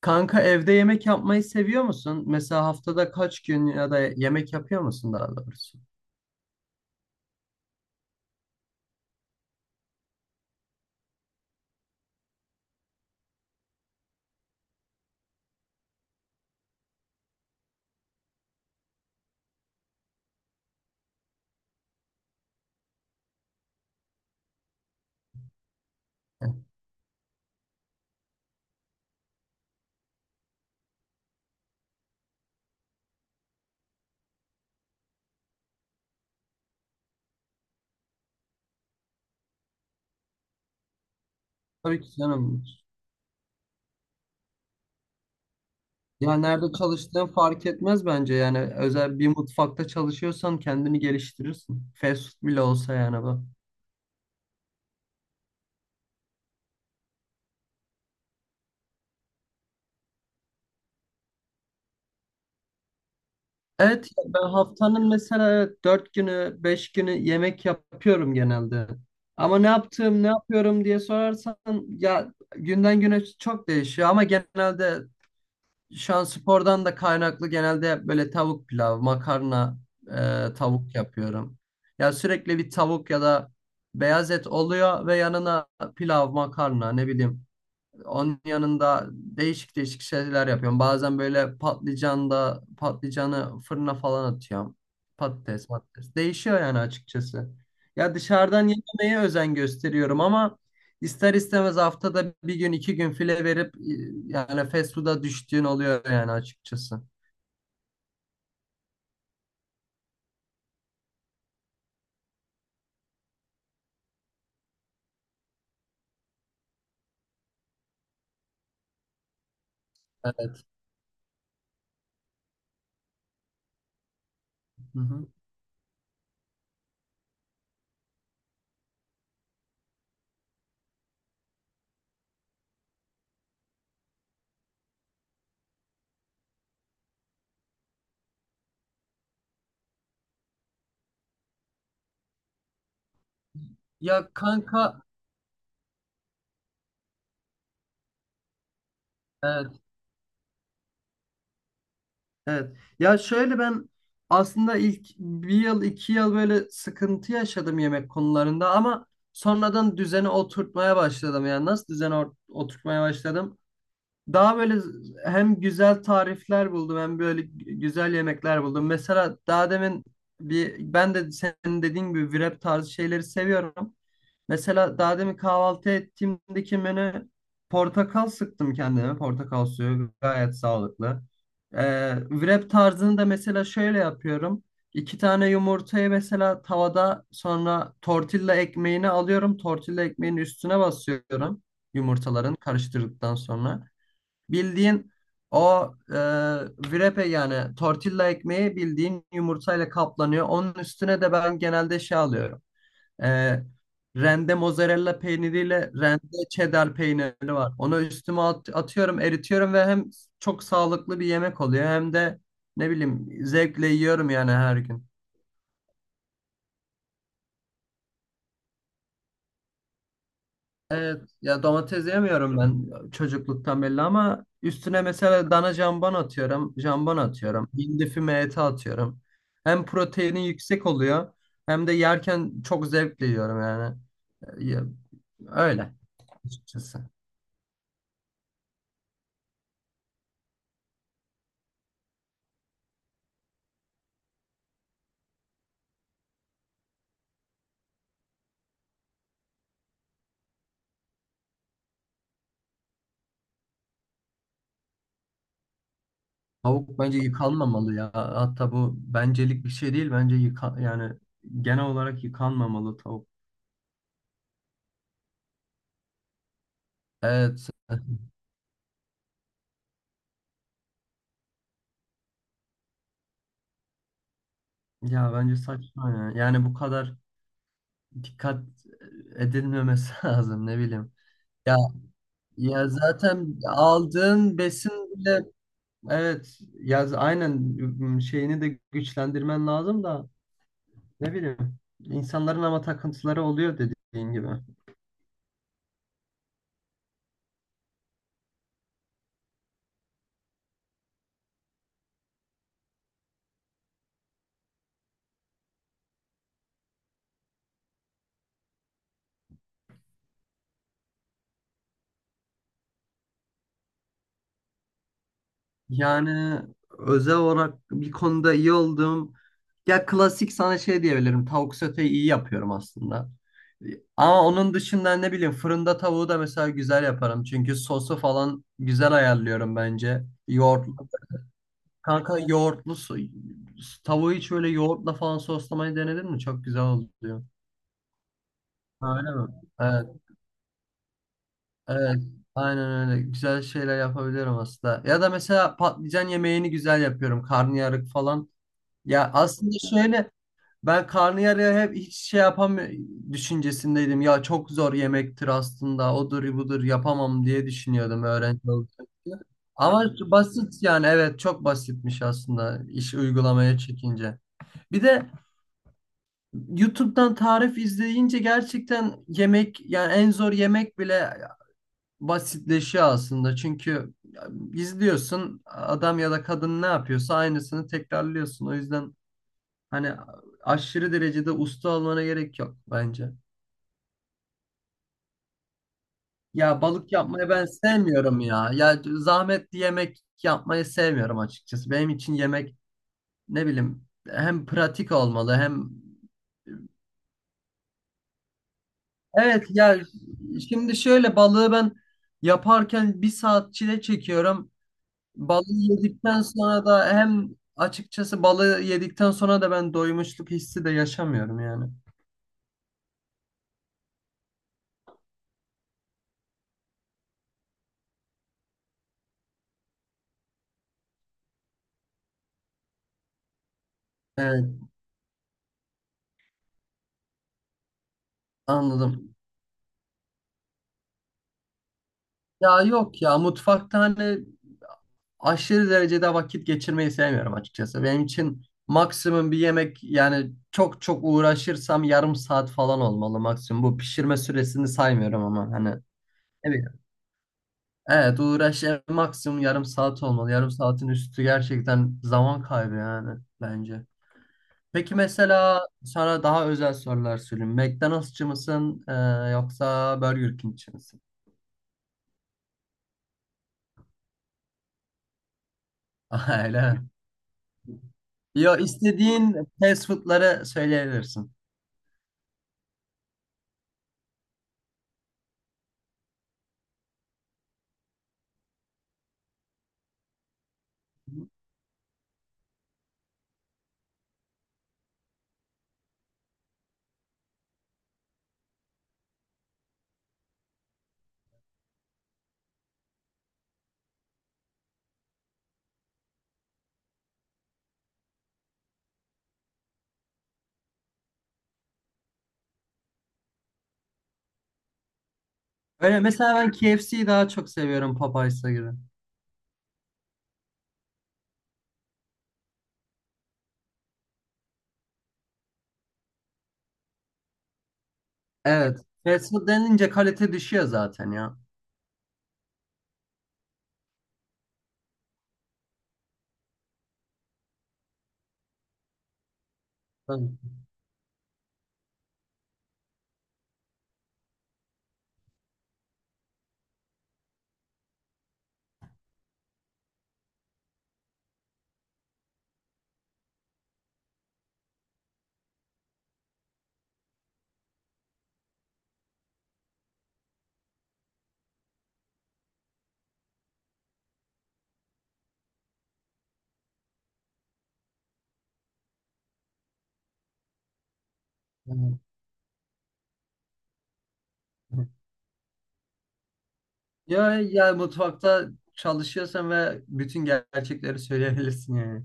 Kanka, evde yemek yapmayı seviyor musun? Mesela haftada kaç gün ya da yemek yapıyor musun daha doğrusu? Tabii ki canım. Ya nerede çalıştığın fark etmez bence. Yani özel bir mutfakta çalışıyorsan kendini geliştirirsin. Fast food bile olsa yani bu. Evet ben haftanın mesela evet, dört günü beş günü yemek yapıyorum genelde. Ama ne yaptığım ne yapıyorum diye sorarsan ya günden güne çok değişiyor ama genelde şu an spordan da kaynaklı genelde böyle tavuk pilav, makarna, tavuk yapıyorum. Ya sürekli bir tavuk ya da beyaz et oluyor ve yanına pilav, makarna, ne bileyim, onun yanında değişik değişik şeyler yapıyorum. Bazen böyle patlıcanı fırına falan atıyorum. Patates, patates. Değişiyor yani açıkçası. Ya dışarıdan yememeye özen gösteriyorum ama ister istemez haftada bir gün iki gün file verip yani fast food'a düştüğün oluyor yani açıkçası. Evet. Hı hı. Ya kanka, evet. Evet. Ya şöyle, ben aslında ilk bir yıl iki yıl böyle sıkıntı yaşadım yemek konularında ama sonradan düzeni oturtmaya başladım. Yani nasıl düzeni oturtmaya başladım? Daha böyle hem güzel tarifler buldum hem böyle güzel yemekler buldum. Mesela daha demin bir ben de senin dediğin gibi wrap tarzı şeyleri seviyorum. Mesela daha demin kahvaltı ettiğimdeki menü: portakal sıktım kendime. Portakal suyu gayet sağlıklı. Wrap tarzını da mesela şöyle yapıyorum. İki tane yumurtayı mesela tavada, sonra tortilla ekmeğini alıyorum. Tortilla ekmeğinin üstüne basıyorum yumurtaların karıştırdıktan sonra. Bildiğin o wrap'e, yani tortilla ekmeği bildiğin yumurtayla kaplanıyor. Onun üstüne de ben genelde şey alıyorum. E, Rende mozzarella peyniriyle rende cheddar peyniri var. Onu üstüme atıyorum, eritiyorum ve hem çok sağlıklı bir yemek oluyor hem de ne bileyim zevkle yiyorum yani her gün. Evet, ya domates yemiyorum ben, çocukluktan belli, ama üstüne mesela dana jambon atıyorum, jambon atıyorum, hindi füme eti atıyorum. Hem proteini yüksek oluyor hem de yerken çok zevkle yiyorum yani. E, Ya, öyle açıkçası. Tavuk bence yıkanmamalı ya. Hatta bu bencelik bir şey değil. Bence yıka yani genel olarak yıkanmamalı tavuk. Evet. Ya bence saçma ya. Yani bu kadar dikkat edilmemesi lazım ne bileyim. Ya Ya zaten aldığın besin bile, evet ya aynen, şeyini de güçlendirmen lazım da ne bileyim, insanların ama takıntıları oluyor dediğin gibi. Yani özel olarak bir konuda iyi olduğum, ya klasik, sana şey diyebilirim: tavuk soteyi iyi yapıyorum aslında. Ama onun dışında ne bileyim fırında tavuğu da mesela güzel yaparım. Çünkü sosu falan güzel ayarlıyorum bence. Yoğurt. Kanka yoğurtlu su, tavuğu hiç böyle yoğurtla falan soslamayı denedin mi? Çok güzel oluyor. Ha, öyle mi? Evet, evet. Aynen öyle. Güzel şeyler yapabiliyorum aslında. Ya da mesela patlıcan yemeğini güzel yapıyorum. Karnıyarık falan. Ya aslında şöyle, ben karnıyarığı hep hiç şey yapam düşüncesindeydim. Ya çok zor yemektir aslında. Odur budur yapamam diye düşünüyordum öğrenci olarak. Ama basit yani, evet çok basitmiş aslında iş uygulamaya çekince. Bir de YouTube'dan tarif izleyince gerçekten yemek, yani en zor yemek bile basitleşiyor aslında. Çünkü izliyorsun adam ya da kadın ne yapıyorsa aynısını tekrarlıyorsun. O yüzden hani aşırı derecede usta olmana gerek yok bence. Ya balık yapmayı ben sevmiyorum ya. Ya zahmetli yemek yapmayı sevmiyorum açıkçası. Benim için yemek ne bileyim hem pratik olmalı hem evet ya şimdi şöyle, balığı ben yaparken bir saat çile çekiyorum. Balığı yedikten sonra da hem açıkçası balığı yedikten sonra da ben doymuşluk hissi de yaşamıyorum yani. Evet, anladım. Ya yok ya, mutfakta hani aşırı derecede vakit geçirmeyi sevmiyorum açıkçası. Benim için maksimum bir yemek, yani çok çok uğraşırsam yarım saat falan olmalı maksimum. Bu pişirme süresini saymıyorum ama hani. Evet. Evet uğraş en maksimum yarım saat olmalı. Yarım saatin üstü gerçekten zaman kaybı yani bence. Peki mesela sana daha özel sorular sorayım. McDonald'sçı mısın yoksa Burger King'çi misin? Öyle mi? Yo, istediğin fast food'ları söyleyebilirsin. Öyle mesela ben KFC'yi daha çok seviyorum Popeyes'a göre. Evet. Fast food denince kalite düşüyor zaten ya. Tabii. Evet. Ya ya mutfakta çalışıyorsan ve bütün gerçekleri söyleyebilirsin yani.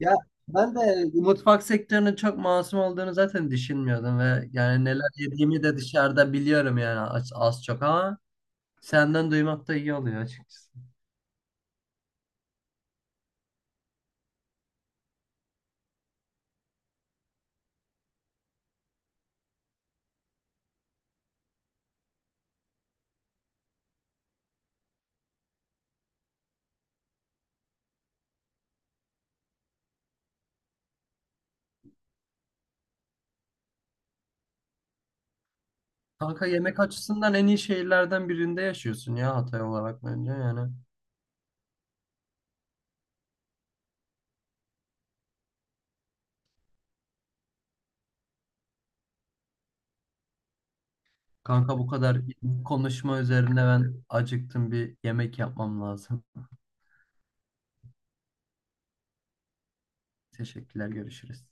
Ya ben de mutfak sektörünün çok masum olduğunu zaten düşünmüyordum ve yani neler yediğimi de dışarıda biliyorum yani az, az çok ama senden duymak da iyi oluyor açıkçası. Kanka yemek açısından en iyi şehirlerden birinde yaşıyorsun ya, Hatay olarak bence yani. Kanka bu kadar konuşma üzerine ben acıktım, bir yemek yapmam lazım. Teşekkürler, görüşürüz.